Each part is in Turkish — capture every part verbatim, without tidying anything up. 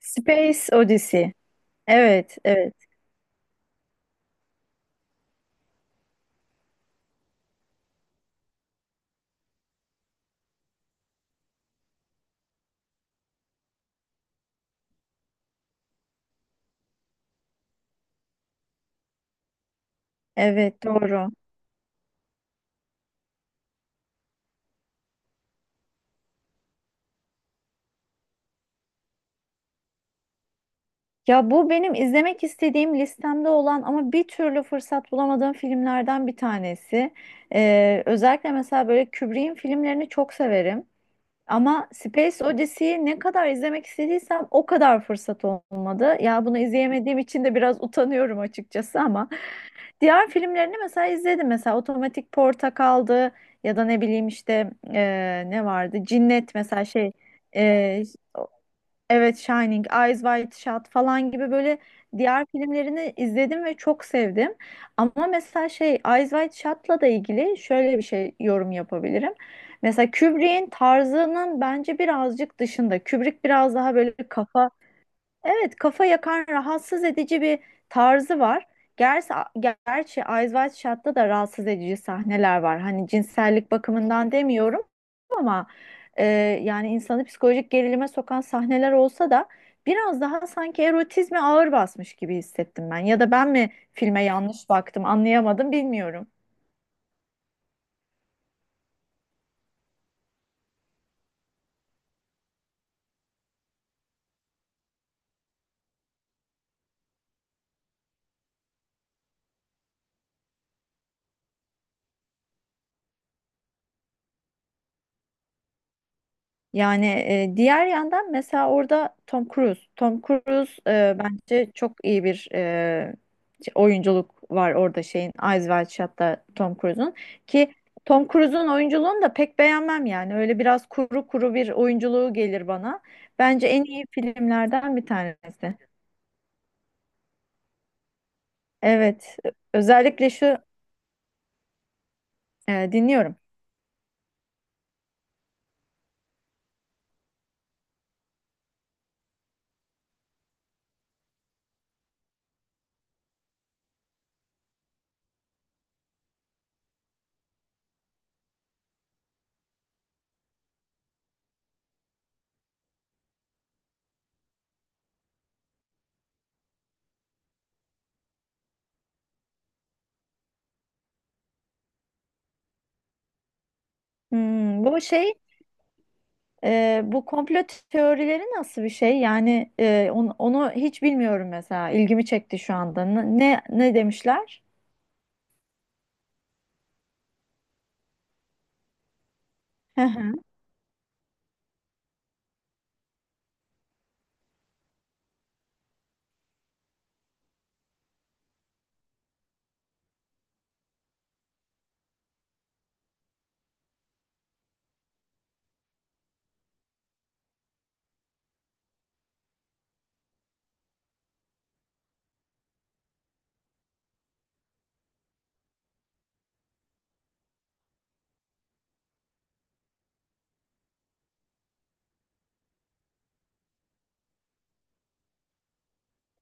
Space Odyssey. Evet, evet, evet doğru. Ya bu benim izlemek istediğim listemde olan ama bir türlü fırsat bulamadığım filmlerden bir tanesi. Ee, özellikle mesela böyle Kubrick'in filmlerini çok severim. Ama Space Odyssey'yi ne kadar izlemek istediysem o kadar fırsat olmadı. Ya bunu izleyemediğim için de biraz utanıyorum açıkçası ama diğer filmlerini mesela izledim. Mesela Otomatik Portakal'dı ya da ne bileyim işte e, ne vardı? Cinnet mesela şey e, Evet Shining, Eyes Wide Shut falan gibi böyle diğer filmlerini izledim ve çok sevdim. Ama mesela şey Eyes Wide Shut'la da ilgili şöyle bir şey yorum yapabilirim. Mesela Kubrick'in tarzının bence birazcık dışında. Kubrick biraz daha böyle kafa. Evet, kafa yakan rahatsız edici bir tarzı var. Gerçi, gerçi Eyes Wide Shut'ta da rahatsız edici sahneler var. Hani cinsellik bakımından demiyorum ama e, yani insanı psikolojik gerilime sokan sahneler olsa da biraz daha sanki erotizme ağır basmış gibi hissettim ben. Ya da ben mi filme yanlış baktım anlayamadım bilmiyorum. Yani e, diğer yandan mesela orada Tom Cruise. Tom Cruise e, bence çok iyi bir e, oyunculuk var orada şeyin Eyes Wide Shut'ta Tom Cruise'un ki Tom Cruise'un oyunculuğunu da pek beğenmem yani. Öyle biraz kuru kuru bir oyunculuğu gelir bana. Bence en iyi filmlerden bir tanesi. Evet. Özellikle şu e, dinliyorum. Hmm, bu şey. Ee, bu komplo teorileri nasıl bir şey? Yani e, onu, onu hiç bilmiyorum mesela. İlgimi çekti şu anda. Ne ne, ne demişler?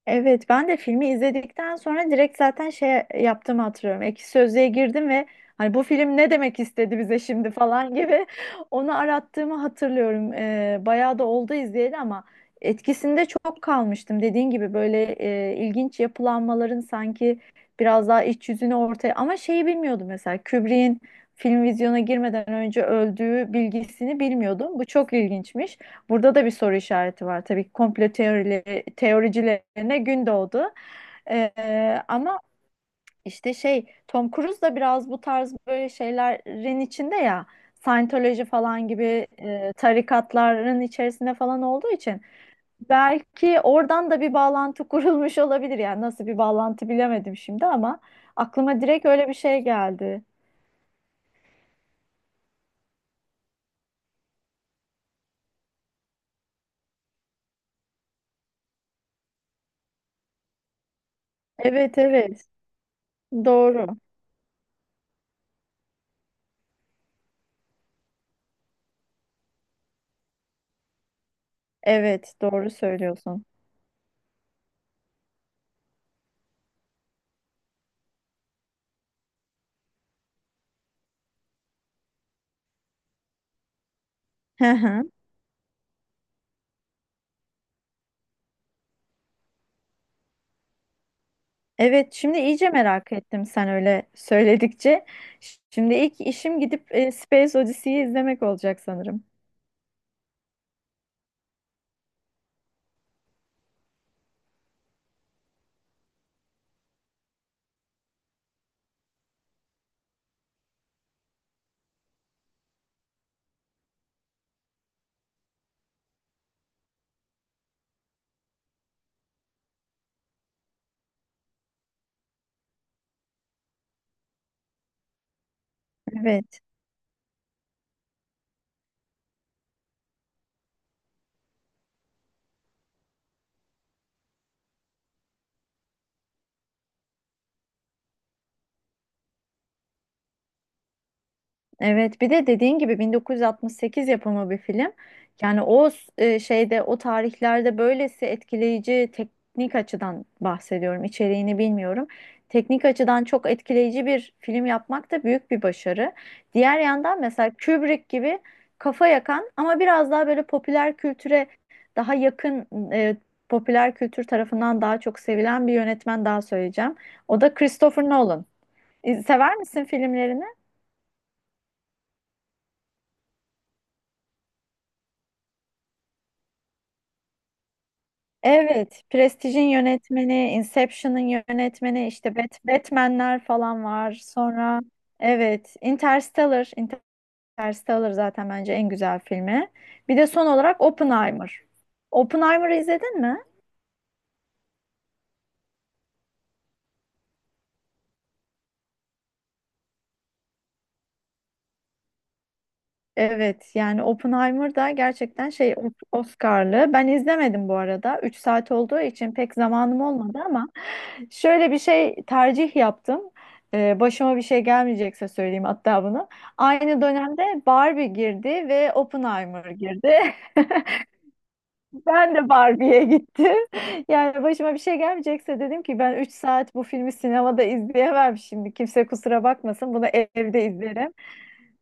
Evet, ben de filmi izledikten sonra direkt zaten şey yaptığımı hatırlıyorum. Ekşi Sözlüğe girdim ve hani bu film ne demek istedi bize şimdi falan gibi onu arattığımı hatırlıyorum. Ee, bayağı da oldu izleyeli ama etkisinde çok kalmıştım. Dediğin gibi böyle e, ilginç yapılanmaların sanki biraz daha iç yüzünü ortaya ama şeyi bilmiyordum mesela Kubrick'in film vizyona girmeden önce öldüğü bilgisini bilmiyordum. Bu çok ilginçmiş. Burada da bir soru işareti var tabii ki komplo teorileri, teoricilerine gün doğdu. Ee, ama işte şey Tom Cruise da biraz bu tarz böyle şeylerin içinde ya Scientology falan gibi e, tarikatların içerisinde falan olduğu için belki oradan da bir bağlantı kurulmuş olabilir. Yani nasıl bir bağlantı bilemedim şimdi ama aklıma direkt öyle bir şey geldi. Evet evet doğru. Evet doğru söylüyorsun. Evet, şimdi iyice merak ettim sen öyle söyledikçe. Şimdi ilk işim gidip e, Space Odyssey'yi izlemek olacak sanırım. Evet. Evet, bir de dediğin gibi bin dokuz yüz altmış sekiz yapımı bir film. Yani o e, şeyde, o tarihlerde böylesi etkileyici teknik açıdan bahsediyorum. İçeriğini bilmiyorum. Teknik açıdan çok etkileyici bir film yapmak da büyük bir başarı. Diğer yandan mesela Kubrick gibi kafa yakan ama biraz daha böyle popüler kültüre daha yakın, e, popüler kültür tarafından daha çok sevilen bir yönetmen daha söyleyeceğim. O da Christopher Nolan. E, Sever misin filmlerini? Evet, Prestige'in yönetmeni, Inception'ın yönetmeni, işte Bat- Batman'ler falan var. Sonra evet, Interstellar, Interstellar zaten bence en güzel filmi. Bir de son olarak Oppenheimer. Oppenheimer'ı izledin mi? Evet, yani Oppenheimer da gerçekten şey Oscar'lı. Ben izlemedim bu arada. Üç saat olduğu için pek zamanım olmadı ama şöyle bir şey tercih yaptım. Ee, başıma bir şey gelmeyecekse söyleyeyim hatta bunu. Aynı dönemde Barbie girdi ve Oppenheimer girdi. Ben de Barbie'ye gittim. Yani başıma bir şey gelmeyecekse dedim ki ben üç saat bu filmi sinemada izleyemem şimdi. Kimse kusura bakmasın. Bunu evde izlerim.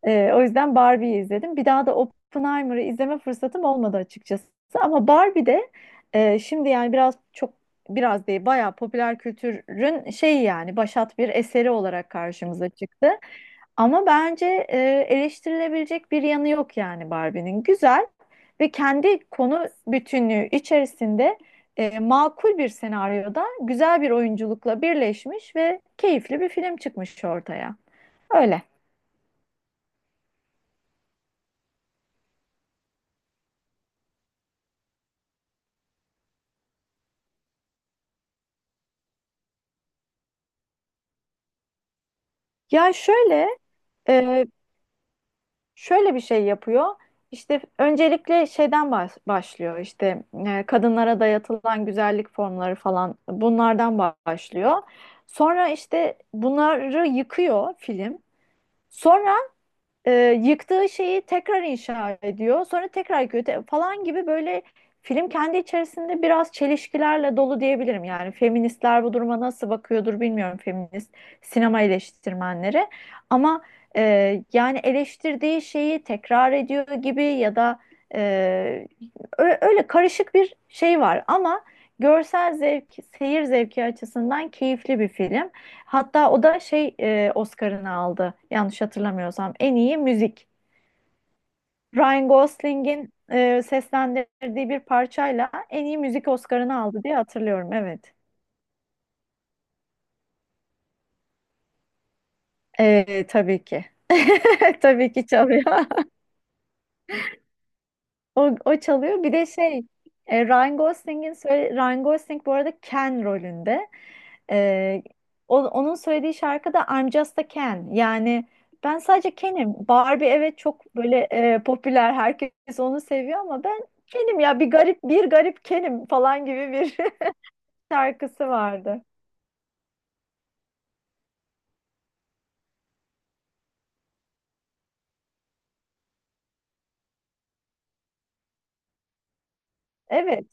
Ee, o yüzden Barbie'yi izledim. Bir daha da Oppenheimer'ı izleme fırsatım olmadı açıkçası. Ama Barbie de e, şimdi yani biraz çok biraz değil bayağı popüler kültürün şeyi yani başat bir eseri olarak karşımıza çıktı. Ama bence e, eleştirilebilecek bir yanı yok yani Barbie'nin. Güzel ve kendi konu bütünlüğü içerisinde e, makul bir senaryoda güzel bir oyunculukla birleşmiş ve keyifli bir film çıkmış ortaya. Öyle. Ya şöyle. Ee, Şöyle bir şey yapıyor. İşte öncelikle şeyden baş- başlıyor. İşte e, kadınlara dayatılan güzellik formları falan bunlardan başlıyor. Sonra işte bunları yıkıyor film. Sonra e, yıktığı şeyi tekrar inşa ediyor. Sonra tekrar yıkıyor te- falan gibi böyle film kendi içerisinde biraz çelişkilerle dolu diyebilirim. Yani feministler bu duruma nasıl bakıyordur bilmiyorum feminist sinema eleştirmenleri. Ama e, yani eleştirdiği şeyi tekrar ediyor gibi ya da e, ö- öyle karışık bir şey var. Ama görsel zevk, seyir zevki açısından keyifli bir film. Hatta o da şey e, Oscar'ını aldı. Yanlış hatırlamıyorsam en iyi müzik. Ryan Gosling'in e, seslendirdiği bir parçayla en iyi müzik Oscar'ını aldı diye hatırlıyorum. Evet. E, tabii ki. Tabii ki çalıyor. O, o çalıyor. Bir de şey, e, Ryan Gosling'in söyle, Ryan Gosling bu arada Ken rolünde. Ee, o- Onun söylediği şarkı da I'm Just a Ken. Yani ben sadece Ken'im. Barbie evet çok böyle e, popüler. Herkes onu seviyor ama ben Ken'im ya bir garip bir garip Ken'im falan gibi bir şarkısı vardı. Evet.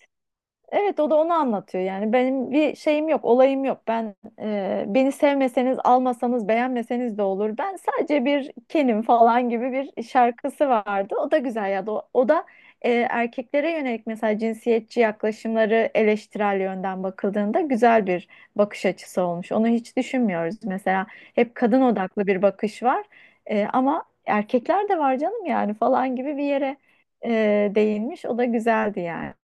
Evet o da onu anlatıyor yani benim bir şeyim yok olayım yok ben e, beni sevmeseniz almasanız beğenmeseniz de olur ben sadece bir kenim falan gibi bir şarkısı vardı o da güzel ya o, o da e, erkeklere yönelik mesela cinsiyetçi yaklaşımları eleştirel yönden bakıldığında güzel bir bakış açısı olmuş onu hiç düşünmüyoruz mesela hep kadın odaklı bir bakış var. E, ama erkekler de var canım yani falan gibi bir yere e, değinmiş o da güzeldi yani.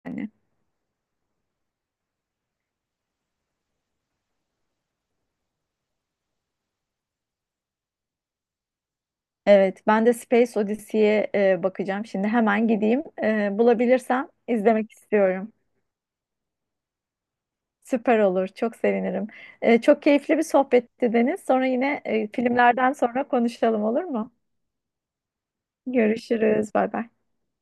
Evet, ben de Space Odyssey'e e, bakacağım. Şimdi hemen gideyim. E, bulabilirsem izlemek istiyorum. Süper olur, çok sevinirim. E, çok keyifli bir sohbetti Deniz. Sonra yine e, filmlerden sonra konuşalım olur mu? Görüşürüz, bay bay.